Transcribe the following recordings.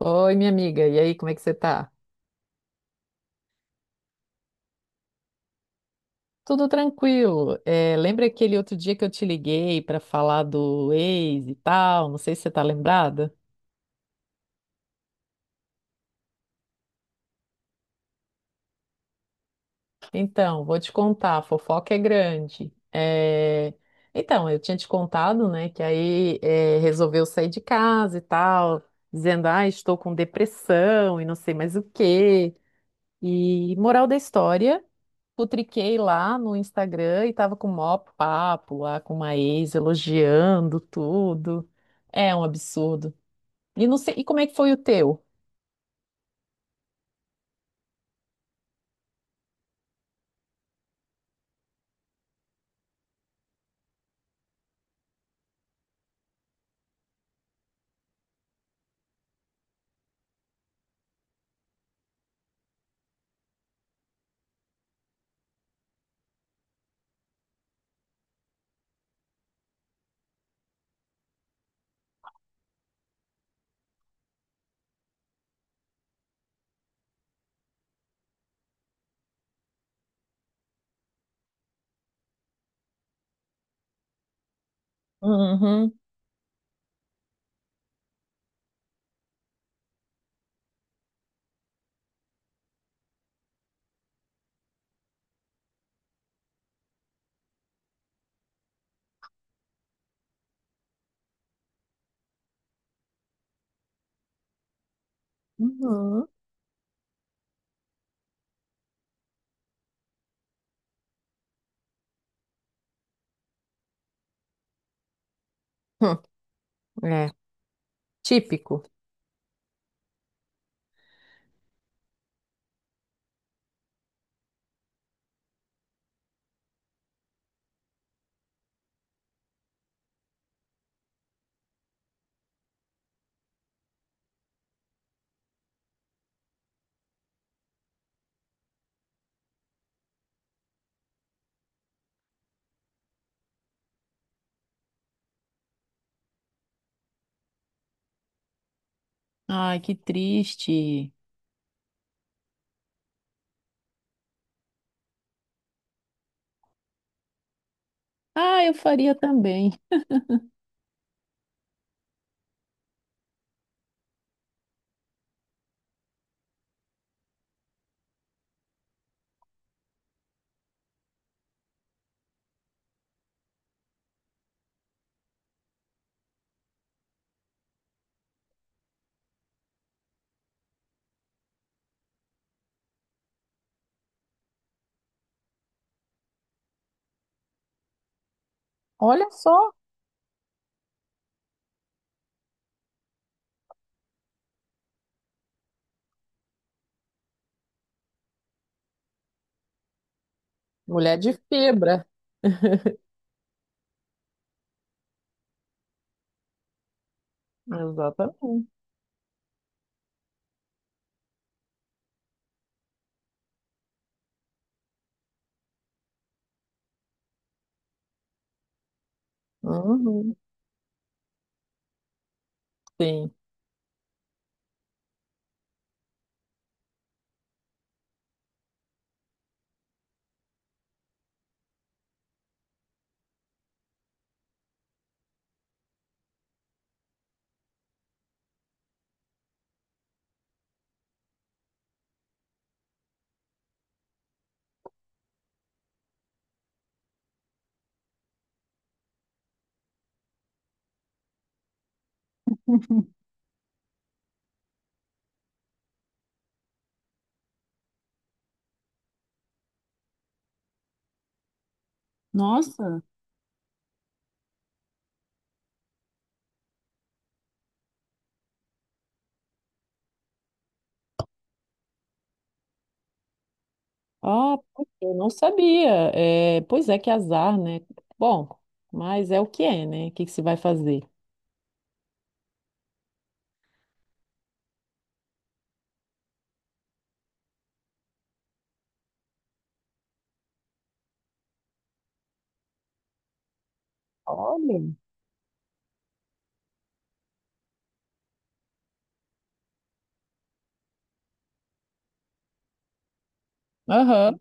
Oi, minha amiga, e aí, como é que você tá? Tudo tranquilo. É, lembra aquele outro dia que eu te liguei para falar do ex e tal? Não sei se você tá lembrada. Então, vou te contar, a fofoca é grande. É. Então, eu tinha te contado, né, que aí resolveu sair de casa e tal, dizendo, ah, estou com depressão e não sei mais o quê. E moral da história. Putriquei lá no Instagram e tava com o maior papo lá com uma ex, elogiando tudo. É um absurdo. E não sei, e como é que foi o teu? Uhum. Uhum. É, típico. Ai, que triste. Ah, eu faria também. Olha só. Mulher de fibra. Exatamente. Uhum, sim. Nossa, ah, eu não sabia. É, pois é, que azar, né? Bom, mas é o que é, né? O que que se vai fazer? Olha. Aham,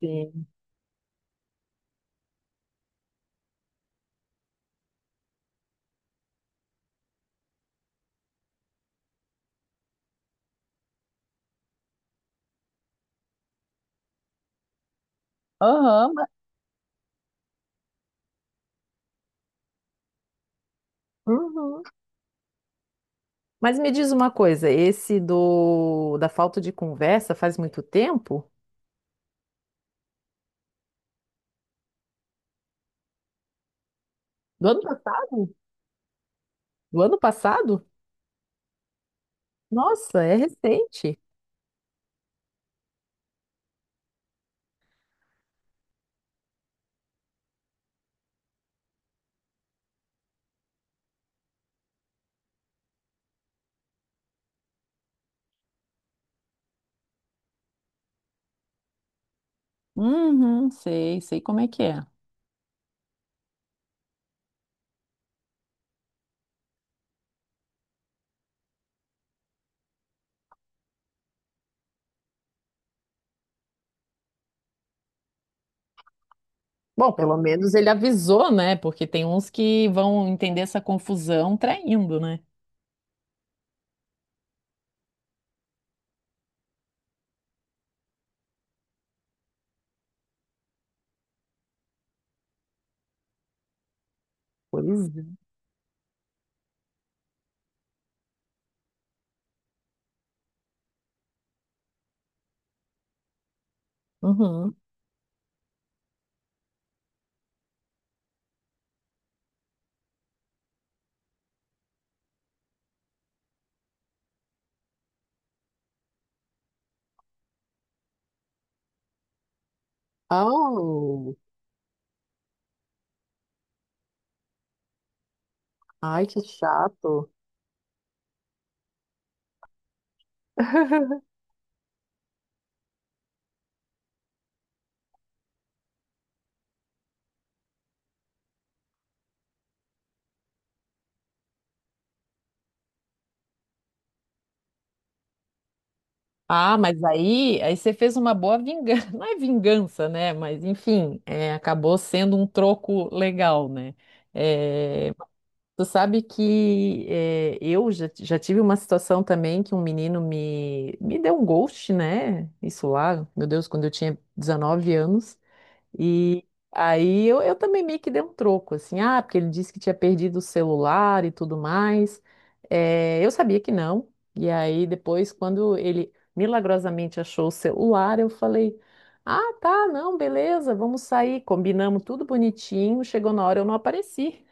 sim. Aham. Uhum. Mas me diz uma coisa, esse do da falta de conversa faz muito tempo? Do ano passado? Do ano passado? Nossa, é recente. Uhum, sei, sei como é que é. Bom, pelo menos ele avisou, né? Porque tem uns que vão entender essa confusão traindo, né? Pois é. Uhum. Oh, ai, que chato. Ah, mas aí você fez uma boa vingança. Não é vingança, né? Mas, enfim, acabou sendo um troco legal, né? É, tu sabe que é, eu já tive uma situação também que um menino me deu um ghost, né? Isso lá, meu Deus, quando eu tinha 19 anos. E aí eu também meio que dei um troco, assim, ah, porque ele disse que tinha perdido o celular e tudo mais. Eu sabia que não. E aí depois, quando ele milagrosamente achou o celular, eu falei, ah, tá, não, beleza, vamos sair. Combinamos tudo bonitinho, chegou na hora, eu não apareci.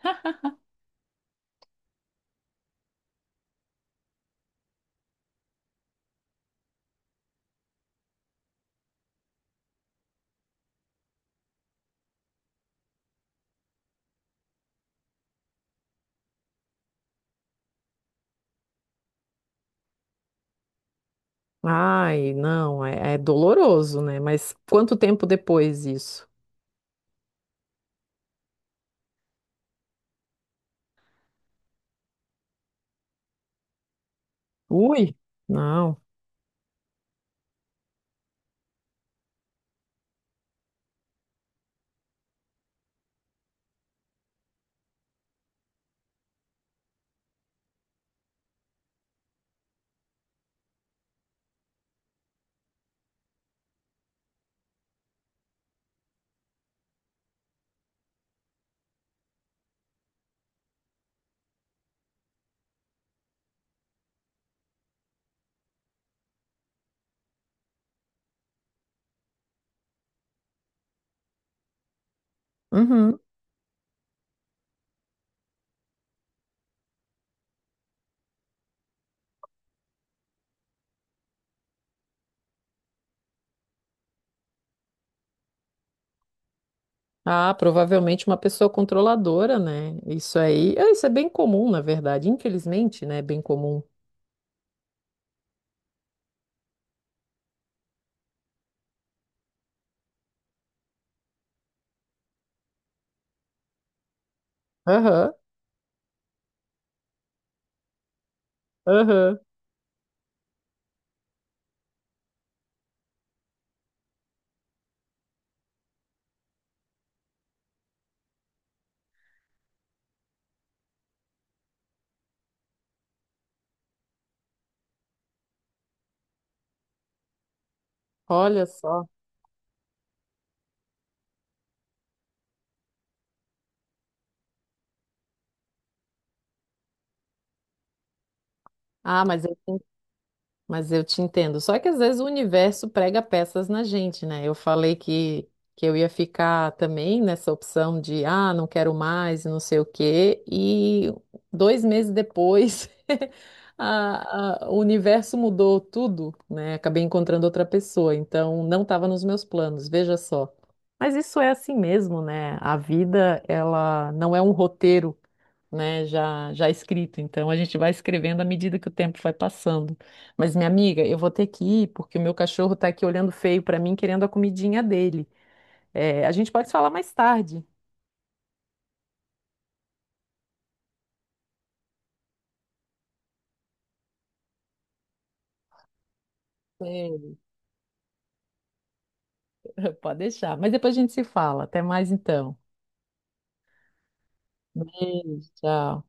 Ai, não, é doloroso, né? Mas quanto tempo depois isso? Ui, não. Uhum. Ah, provavelmente uma pessoa controladora, né? Isso aí, ah, isso é bem comum, na verdade. Infelizmente, né? É bem comum. Aham, aham. Olha só. Ah, mas é, assim. Mas eu te entendo. Só que às vezes o universo prega peças na gente, né? Eu falei que eu ia ficar também nessa opção de, ah, não quero mais, e não sei o quê. E 2 meses depois, o universo mudou tudo, né? Acabei encontrando outra pessoa. Então, não estava nos meus planos, veja só. Mas isso é assim mesmo, né? A vida, ela não é um roteiro, né? Já, já escrito. Então, a gente vai escrevendo à medida que o tempo vai passando. Mas, minha amiga, eu vou ter que ir porque o meu cachorro tá aqui olhando feio pra mim, querendo a comidinha dele. É, a gente pode falar mais tarde. Sim. Pode deixar. Mas depois a gente se fala. Até mais então. Beijo, tchau.